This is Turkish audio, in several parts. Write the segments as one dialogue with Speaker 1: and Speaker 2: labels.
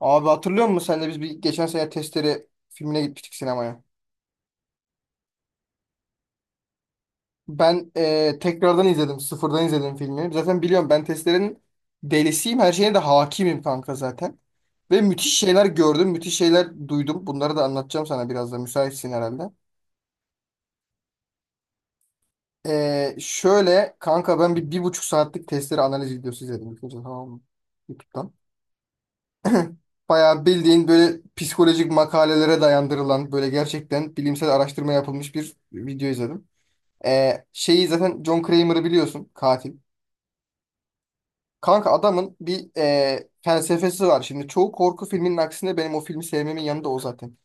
Speaker 1: Abi hatırlıyor musun sen de biz bir geçen sene Testere filmine gitmiştik sinemaya. Ben tekrardan izledim. Sıfırdan izledim filmi. Zaten biliyorum ben Testere'nin delisiyim. Her şeyine de hakimim kanka zaten. Ve müthiş şeyler gördüm. Müthiş şeyler duydum. Bunları da anlatacağım sana biraz da. Müsaitsin herhalde. Şöyle kanka ben bir buçuk saatlik Testere analiz videosu izledim. İlk önce, Tamam mı? YouTube'dan. Bayağı bildiğin böyle psikolojik makalelere dayandırılan böyle gerçekten bilimsel araştırma yapılmış bir video izledim. Şeyi zaten John Kramer'ı biliyorsun katil. Kanka adamın bir felsefesi var. Şimdi çoğu korku filminin aksine benim o filmi sevmemin yanında o zaten.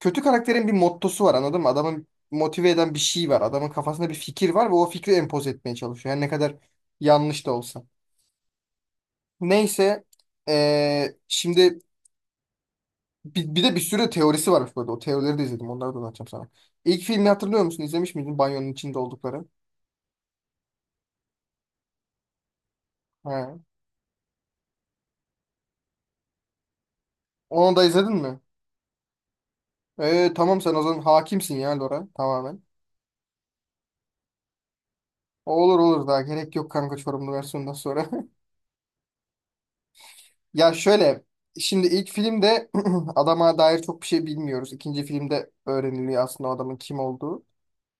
Speaker 1: Kötü karakterin bir mottosu var anladın mı? Adamın motive eden bir şey var. Adamın kafasında bir fikir var ve o fikri empoze etmeye çalışıyor. Yani ne kadar yanlış da olsa. Neyse şimdi bir de bir sürü teorisi varmış burada. O teorileri de izledim. Onları da anlatacağım sana. İlk filmi hatırlıyor musun? İzlemiş miydin? Banyonun içinde oldukları. He. Onu da izledin mi? Tamam sen o zaman hakimsin ya Lora tamamen. Olur olur daha gerek yok kanka Çorumlu versiyondan sonra. Ya şöyle şimdi ilk filmde adama dair çok bir şey bilmiyoruz. İkinci filmde öğreniliyor aslında o adamın kim olduğu.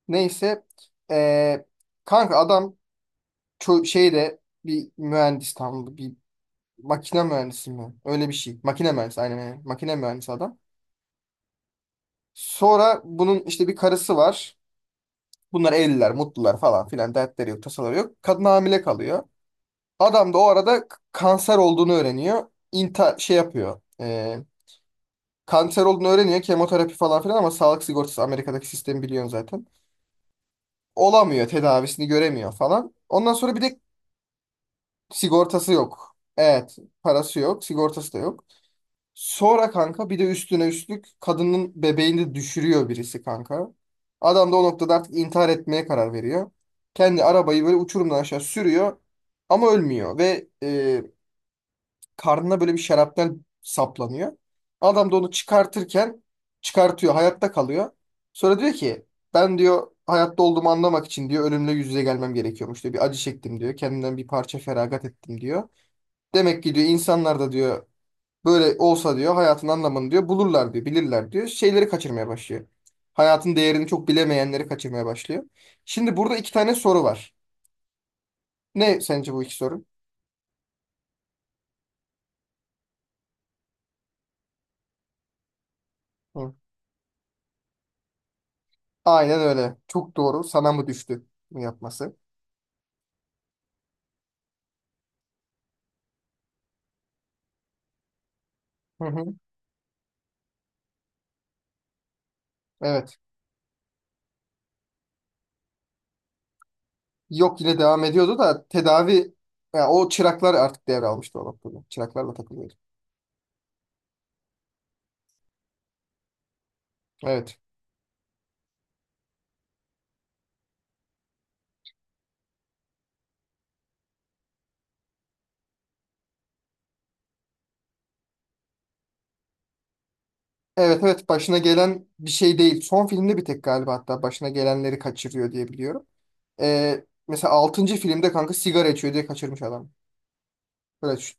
Speaker 1: Neyse ee, kanka adam şeyde bir mühendis tam bir makine mühendisi mi? Öyle bir şey. Makine mühendisi aynen aynen. Makine mühendisi adam. Sonra bunun işte bir karısı var. Bunlar evliler, mutlular falan filan dertleri yok, tasaları yok. Kadın hamile kalıyor. Adam da o arada kanser olduğunu öğreniyor. İnta şey yapıyor. Kanser olduğunu öğreniyor. Kemoterapi falan filan ama sağlık sigortası Amerika'daki sistemi biliyorsun zaten. Olamıyor. Tedavisini göremiyor falan. Ondan sonra bir de sigortası yok. Evet. Parası yok. Sigortası da yok. Sonra kanka bir de üstüne üstlük kadının bebeğini de düşürüyor birisi kanka. Adam da o noktada artık intihar etmeye karar veriyor. Kendi arabayı böyle uçurumdan aşağı sürüyor ama ölmüyor ve karnına böyle bir şarapnel saplanıyor. Adam da onu çıkartırken çıkartıyor, hayatta kalıyor. Sonra diyor ki ben diyor hayatta olduğumu anlamak için diyor ölümle yüz yüze gelmem gerekiyormuş diyor. Bir acı çektim diyor. Kendimden bir parça feragat ettim diyor. Demek ki diyor insanlar da diyor böyle olsa diyor hayatın anlamını diyor bulurlar diyor, bilirler diyor. Şeyleri kaçırmaya başlıyor. Hayatın değerini çok bilemeyenleri kaçırmaya başlıyor. Şimdi burada iki tane soru var. Ne sence bu iki soru? Hı. Aynen öyle. Çok doğru. Sana mı düştü bunu yapması? Hı hı. Evet. Yok yine devam ediyordu da tedavi ya o çıraklar artık devralmıştı o noktada. Çıraklarla takılıyordu. Evet. Evet evet başına gelen bir şey değil. Son filmde bir tek galiba hatta başına gelenleri kaçırıyor diye biliyorum. Mesela altıncı filmde kanka sigara içiyor diye kaçırmış adam. Böyle düşün.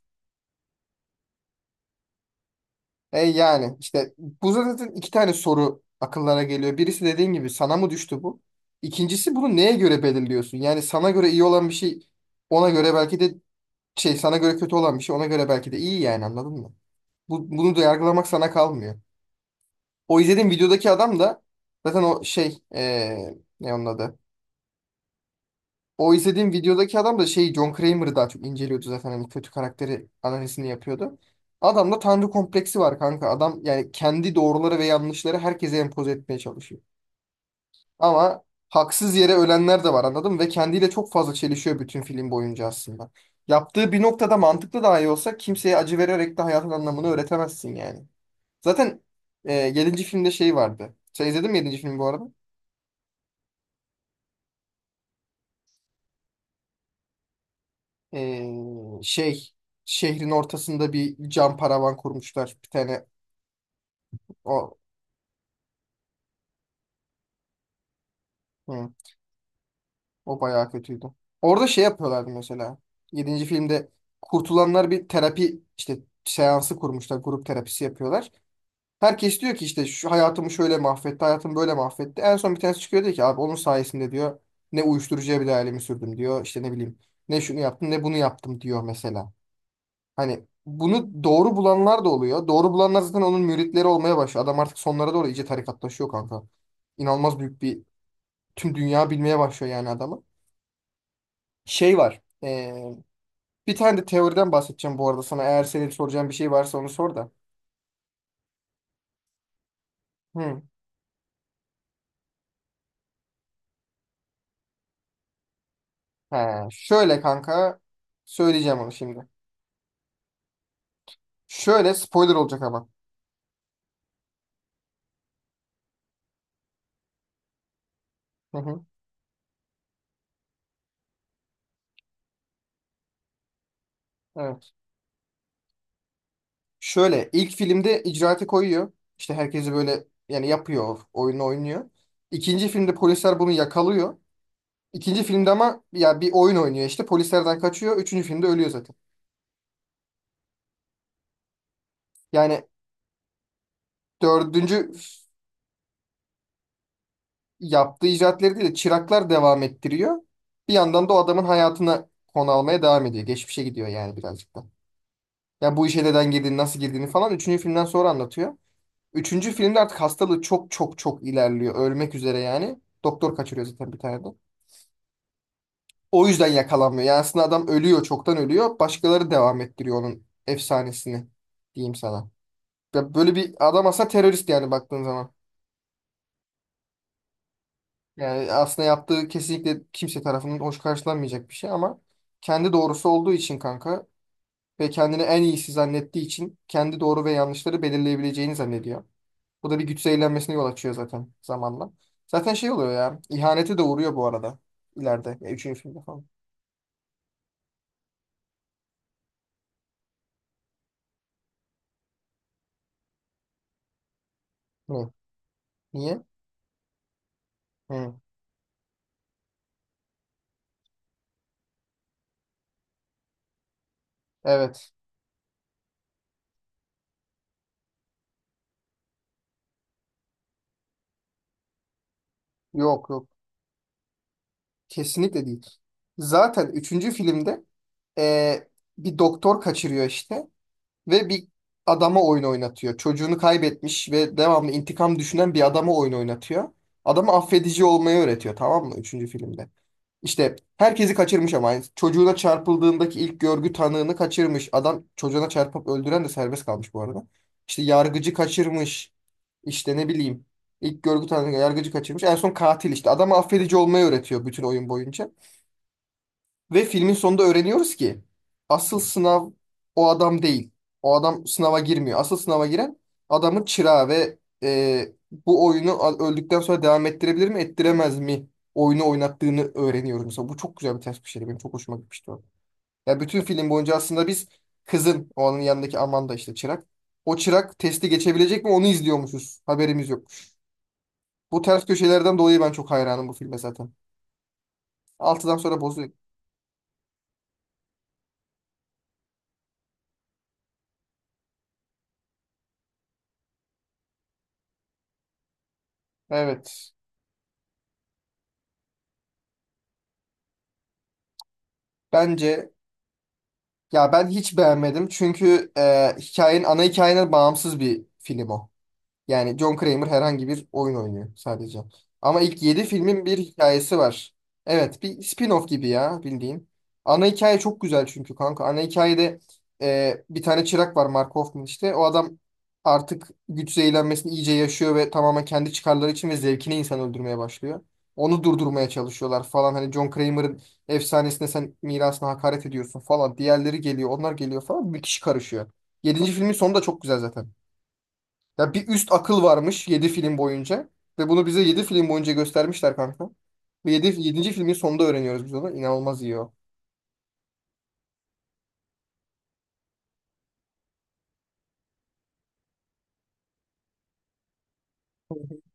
Speaker 1: E yani işte bu zaten iki tane soru akıllara geliyor. Birisi dediğin gibi sana mı düştü bu? İkincisi bunu neye göre belirliyorsun? Yani sana göre iyi olan bir şey ona göre belki de şey sana göre kötü olan bir şey ona göre belki de iyi yani anladın mı? Bu, bunu da yargılamak sana kalmıyor. O izlediğim videodaki adam da zaten o ne onun adı? O izlediğim videodaki adam da şey John Kramer'ı daha çok inceliyordu zaten hani kötü karakteri analizini yapıyordu. Adamda tanrı kompleksi var kanka. Adam yani kendi doğruları ve yanlışları herkese empoze etmeye çalışıyor. Ama haksız yere ölenler de var anladın mı? Ve kendiyle çok fazla çelişiyor bütün film boyunca aslında. Yaptığı bir noktada mantıklı dahi olsa kimseye acı vererek de hayatın anlamını öğretemezsin yani. Zaten 7. filmde şey vardı. Sen izledin mi yedinci filmi bu arada? E, şey, şehrin ortasında bir cam paravan kurmuşlar. Bir tane o, hı, o bayağı kötüydü. Orada şey yapıyorlardı mesela. Yedinci filmde kurtulanlar bir terapi işte seansı kurmuşlar. Grup terapisi yapıyorlar. Herkes diyor ki işte şu hayatımı şöyle mahvetti, hayatımı böyle mahvetti. En son bir tanesi çıkıyor diyor ki abi onun sayesinde diyor ne uyuşturucuya bile ailemi sürdüm diyor. İşte ne bileyim ne şunu yaptım ne bunu yaptım diyor mesela. Hani bunu doğru bulanlar da oluyor. Doğru bulanlar zaten onun müritleri olmaya başlıyor. Adam artık sonlara doğru iyice tarikatlaşıyor kanka. İnanılmaz büyük bir tüm dünya bilmeye başlıyor yani adamı. Şey var. Bir tane de teoriden bahsedeceğim bu arada sana. Eğer senin soracağın bir şey varsa onu sor da. Hı. He, şöyle kanka söyleyeceğim onu şimdi. Şöyle spoiler olacak ama. Hı hı, evet. Şöyle ilk filmde icraatı koyuyor. İşte herkesi böyle yani yapıyor, oyunu oynuyor. İkinci filmde polisler bunu yakalıyor. İkinci filmde ama ya bir oyun oynuyor işte polislerden kaçıyor. Üçüncü filmde ölüyor zaten. Yani dördüncü yaptığı icraatleri değil de çıraklar devam ettiriyor. Bir yandan da o adamın hayatına konu almaya devam ediyor. Geçmişe gidiyor yani birazcık da. Ya bu işe neden girdiğini, nasıl girdiğini falan üçüncü filmden sonra anlatıyor. Üçüncü filmde artık hastalığı çok çok çok ilerliyor. Ölmek üzere yani. Doktor kaçırıyor zaten bir tane de. O yüzden yakalanmıyor. Yani aslında adam ölüyor. Çoktan ölüyor. Başkaları devam ettiriyor onun efsanesini. Diyeyim sana. Ya böyle bir adam aslında terörist yani baktığın zaman. Yani aslında yaptığı kesinlikle kimse tarafından hoş karşılanmayacak bir şey ama kendi doğrusu olduğu için kanka ve kendini en iyisi zannettiği için kendi doğru ve yanlışları belirleyebileceğini zannediyor. Bu da bir güç zehirlenmesine yol açıyor zaten zamanla. Zaten şey oluyor ya. İhanete de uğruyor bu arada. İleride. Ya, üçüncü filmde falan. Ne? Niye? Hı. Evet. Yok yok. Kesinlikle değil. Zaten üçüncü filmde eee, bir doktor kaçırıyor işte. Ve bir adama oyun oynatıyor. Çocuğunu kaybetmiş ve devamlı intikam düşünen bir adama oyun oynatıyor. Adama affedici olmayı öğretiyor tamam mı? Üçüncü filmde. İşte herkesi kaçırmış ama. Yani çocuğuna çarpıldığındaki ilk görgü tanığını kaçırmış. Adam çocuğuna çarpıp öldüren de serbest kalmış bu arada. İşte yargıcı kaçırmış. İşte ne bileyim. İlk görgü tanığı yargıcı kaçırmış. En son katil işte. Adama affedici olmayı öğretiyor bütün oyun boyunca. Ve filmin sonunda öğreniyoruz ki asıl sınav o adam değil. O adam sınava girmiyor. Asıl sınava giren adamın çırağı ve bu oyunu öldükten sonra devam ettirebilir mi, ettiremez mi? Oyunu oynattığını öğreniyoruz mesela. Bu çok güzel bir ters bir şeydi. Benim çok hoşuma gitmişti o. Ya bütün film boyunca aslında biz kızın, o onun yanındaki Amanda işte çırak. O çırak testi geçebilecek mi onu izliyormuşuz. Haberimiz yokmuş. Bu ters köşelerden dolayı ben çok hayranım bu filme zaten. Altıdan sonra bozuyor. Evet. Bence. Ya ben hiç beğenmedim çünkü hikayenin ana hikayene bağımsız bir film o. Yani John Kramer herhangi bir oyun oynuyor sadece. Ama ilk 7 filmin bir hikayesi var. Evet, bir spin-off gibi ya bildiğin. Ana hikaye çok güzel çünkü kanka. Ana hikayede bir tane çırak var Mark Hoffman işte. O adam artık güç zehirlenmesini iyice yaşıyor ve tamamen kendi çıkarları için ve zevkine insan öldürmeye başlıyor. Onu durdurmaya çalışıyorlar falan. Hani John Kramer'ın efsanesine sen mirasına hakaret ediyorsun falan. Diğerleri geliyor, onlar geliyor falan. Bir kişi karışıyor. Yedinci filmin sonu da çok güzel zaten. Ya bir üst akıl varmış 7 film boyunca. Ve bunu bize 7 film boyunca göstermişler kanka. Ve 7 yedinci filmin sonunda öğreniyoruz biz onu. İnanılmaz iyi o.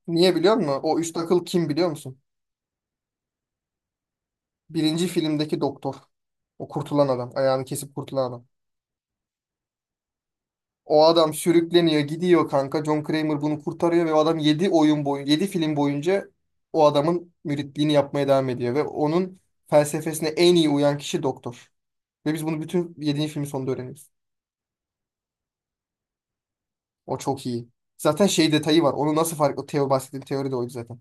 Speaker 1: Niye biliyor musun? O üst akıl kim biliyor musun? Birinci filmdeki doktor. O kurtulan adam. Ayağını kesip kurtulan adam. O adam sürükleniyor, gidiyor kanka. John Kramer bunu kurtarıyor ve o adam 7 oyun boyu 7 film boyunca o adamın müritliğini yapmaya devam ediyor ve onun felsefesine en iyi uyan kişi doktor. Ve biz bunu bütün yedinci filmin sonunda öğreniyoruz. O çok iyi. Zaten şey detayı var. Onu nasıl fark... O teo bahsettiğim teori de oydu zaten.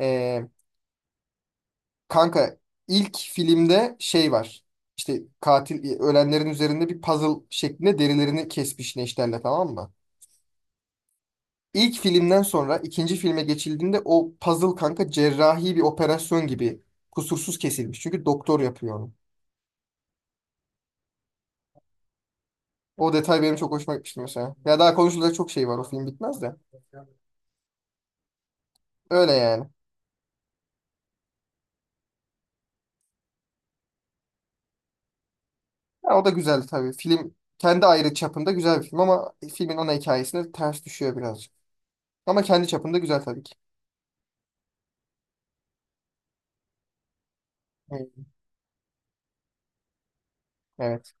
Speaker 1: Ee, kanka ilk filmde şey var. İşte katil ölenlerin üzerinde bir puzzle şeklinde derilerini kesmiş neşterle tamam mı? İlk filmden sonra ikinci filme geçildiğinde o puzzle kanka cerrahi bir operasyon gibi kusursuz kesilmiş. Çünkü doktor yapıyor onu. O detay benim çok hoşuma gitmişti mesela. Ya daha konuşulacak çok şey var o film bitmez de. Öyle yani. Ya o da güzel tabii. Film kendi ayrı çapında güzel bir film ama filmin ana hikayesine ters düşüyor birazcık. Ama kendi çapında güzel tabii ki. Hı, evet.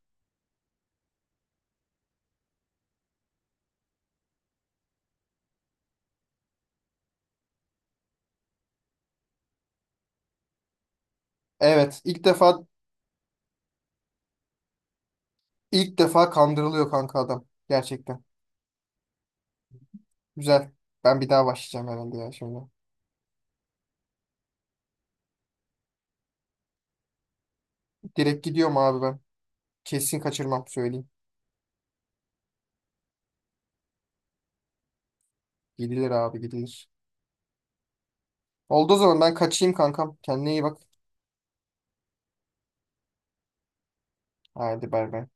Speaker 1: Evet. İlk defa kandırılıyor kanka adam. Gerçekten. Güzel. Ben bir daha başlayacağım herhalde ya şimdi. Direkt gidiyorum abi ben. Kesin kaçırmam söyleyeyim. Gidilir abi gidilir. Oldu o zaman ben kaçayım kankam. Kendine iyi bak. Hadi bay bay.